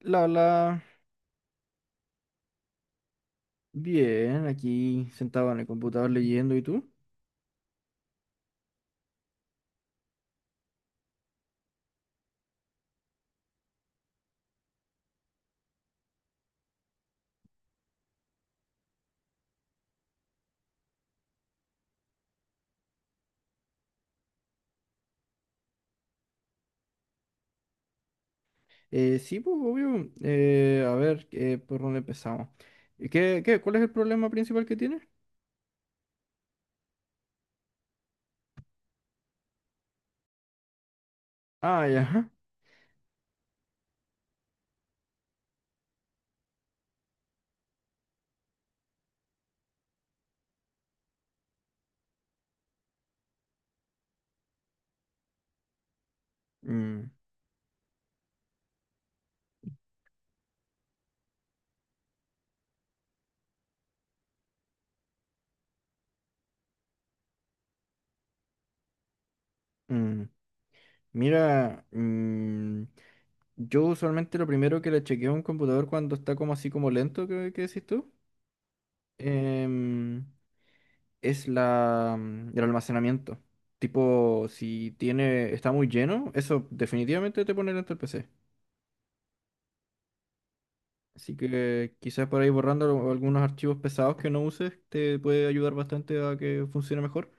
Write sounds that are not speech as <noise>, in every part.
La, la, Bien, aquí sentado en el computador leyendo, ¿y tú? Sí, pues, obvio. A ver, ¿por dónde empezamos? ¿ Cuál es el problema principal que tienes? Ah, ya. Ajá. Mm, mm. Mira, yo usualmente lo primero que le chequeo a un computador cuando está como así como lento, ¿qué decís tú? Em, es el almacenamiento. Tipo, si tiene, está muy lleno, eso definitivamente te pone lento el PC. Así que quizás por ahí borrando algunos archivos pesados que no uses te puede ayudar bastante a que funcione mejor.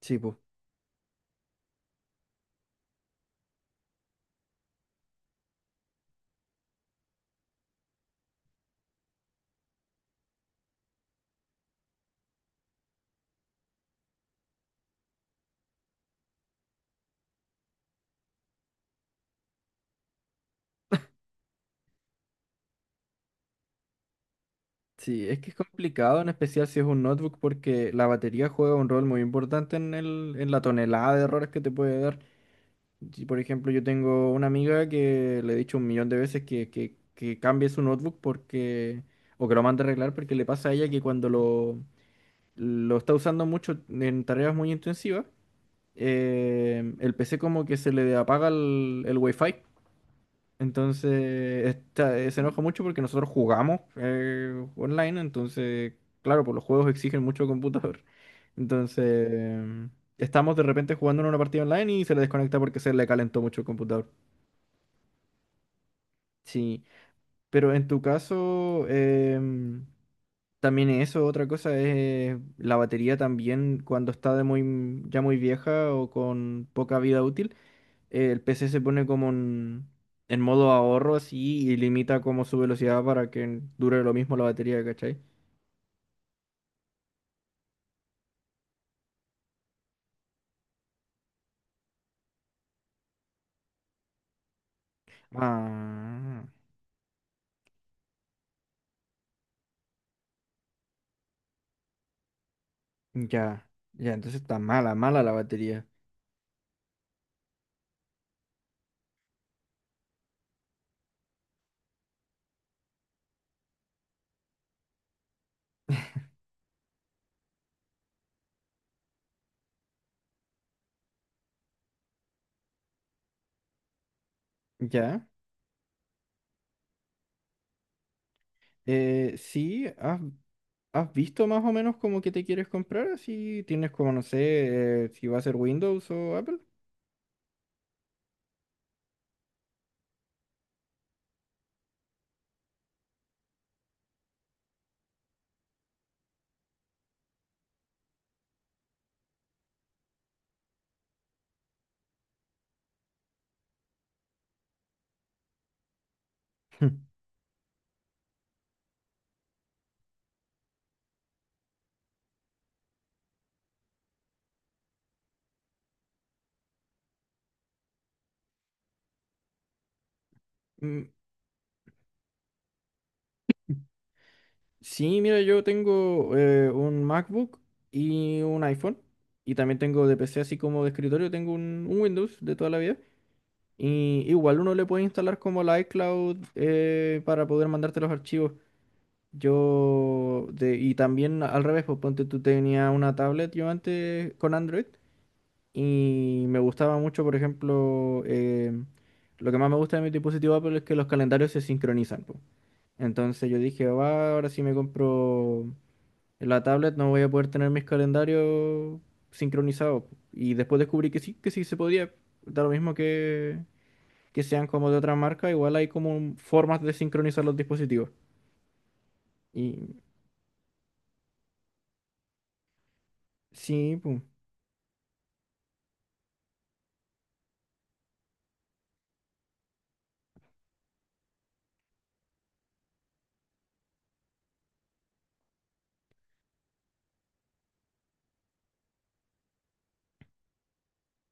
Sí, pues. Sí, es que es complicado, en especial si es un notebook, porque la batería juega un rol muy importante en la tonelada de errores que te puede dar. Si, por ejemplo, yo tengo una amiga que le he dicho un millón de veces que cambie su notebook, porque o que lo mande a arreglar, porque le pasa a ella que cuando lo está usando mucho en tareas muy intensivas, el PC como que se le apaga el Wi-Fi. Entonces se enoja mucho porque nosotros jugamos online. Entonces, claro, pues los juegos exigen mucho computador. Entonces, estamos de repente jugando en una partida online y se le desconecta porque se le calentó mucho el computador. Sí, pero en tu caso, también eso, otra cosa es la batería también, cuando está de muy, ya muy vieja o con poca vida útil, el PC se pone como en modo ahorro así, y limita como su velocidad para que dure lo mismo la batería, ¿cachai? Ah, ya, ya, entonces está mala, mala la batería. Ya, sí, has visto más o menos como que te quieres comprar, así tienes como, no sé, si va a ser Windows o Apple. <laughs> Mm, sí, mira, yo tengo un MacBook y un iPhone. Y también tengo de PC así como de escritorio, tengo un Windows de toda la vida. Y igual uno le puede instalar como la iCloud, para poder mandarte los archivos. Y también al revés. Pues ponte tú tenías una tablet, yo antes con Android, y me gustaba mucho. Por ejemplo, lo que más me gusta de mi dispositivo Apple es que los calendarios se sincronizan, pues. Entonces yo dije, va, ahora si me compro la tablet no voy a poder tener mis calendarios sincronizados, po. Y después descubrí que sí se podía, da lo mismo que sean como de otra marca, igual hay como formas de sincronizar los dispositivos. Y sí, pum,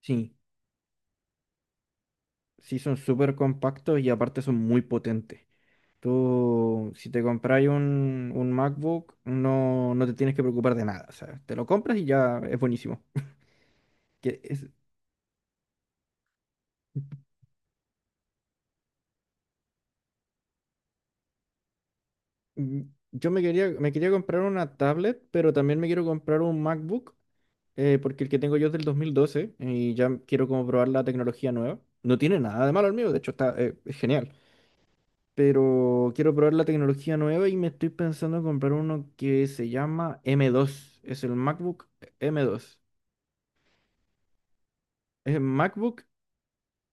sí, sí son súper compactos y aparte son muy potentes. Tú, si te compras un MacBook, no, no te tienes que preocupar de nada. O sea, te lo compras y ya es buenísimo. Que es- mm, yo me quería comprar una tablet, pero también me quiero comprar un MacBook, porque el que tengo yo es del 2012 y ya quiero como probar la tecnología nueva. No tiene nada de malo el mío, de hecho es genial. Pero quiero probar la tecnología nueva, y me estoy pensando en comprar uno que se llama M2. Es el MacBook M2. Es el MacBook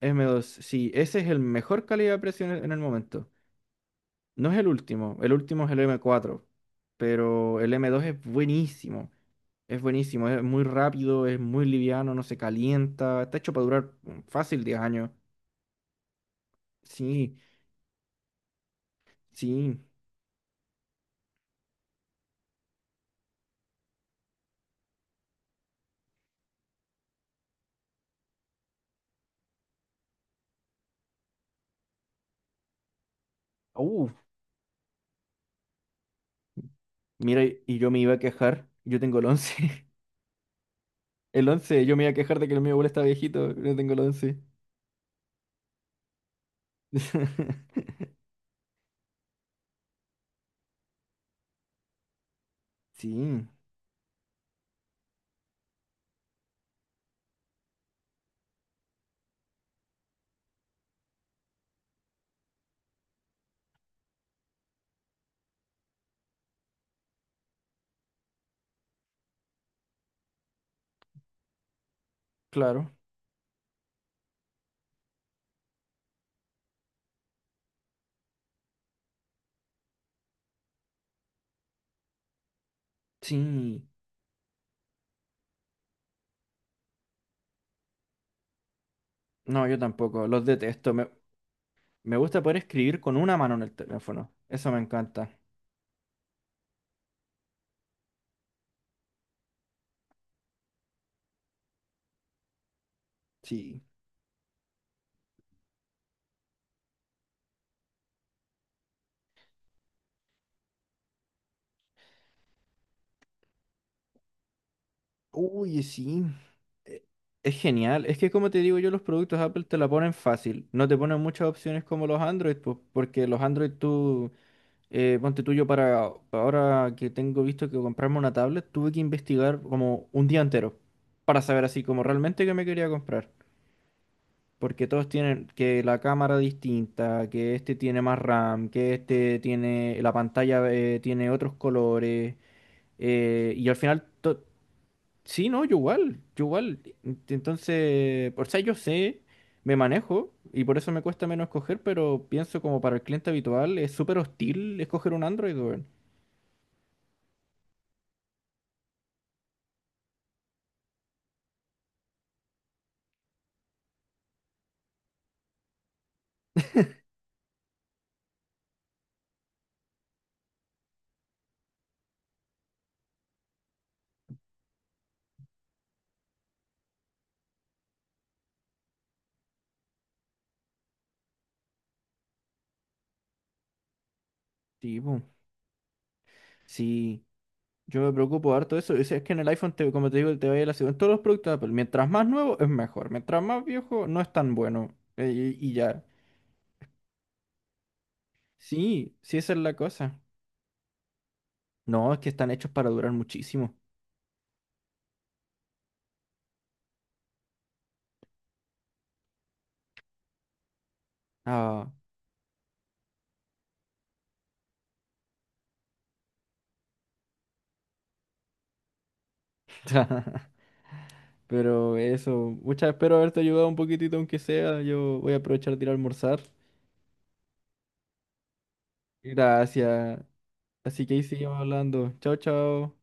M2. Sí, ese es el mejor calidad-precio en el momento. No es el último es el M4, pero el M2 es buenísimo. Es buenísimo, es muy rápido, es muy liviano, no se calienta, está hecho para durar, fácil 10 años. Sí, sí. Uh, Mira, y yo me iba a quejar, yo tengo el 11. El once. Yo me iba a quejar de que el mío abuelo está viejito, no tengo el once. <laughs> Sí, claro. Sí. No, yo tampoco, los detesto. Me gusta poder escribir con una mano en el teléfono. Eso me encanta. Sí. Uy, sí. Eh, Es genial. Es que como te digo yo, los productos Apple te la ponen fácil. No te ponen muchas opciones como los Android, pues, porque los Android tú... Ponte tuyo, para ahora que tengo visto que comprarme una tablet, tuve que investigar como un día entero para saber así como realmente qué me quería comprar. Porque todos tienen que la cámara distinta, que este tiene más RAM, que este tiene la pantalla, tiene otros colores. Y al final, sí, no, yo igual, yo igual. Entonces, por sea, yo sé, me manejo y por eso me cuesta menos escoger, pero pienso como para el cliente habitual es súper hostil escoger un Android, weón. Sí, po. Sí, yo me preocupo harto de eso. Es que en el iPhone, como te digo, te vaya la segunda. En todos los productos de Apple, mientras más nuevo es mejor. Mientras más viejo no es tan bueno. Y ya. Sí, sí, esa es la cosa. No, es que están hechos para durar muchísimo. Ah. <laughs> Pero eso, muchas espero haberte ayudado un poquitito, aunque sea. Yo voy a aprovechar de ir a almorzar. Gracias. Así que ahí seguimos hablando. Chao, chao.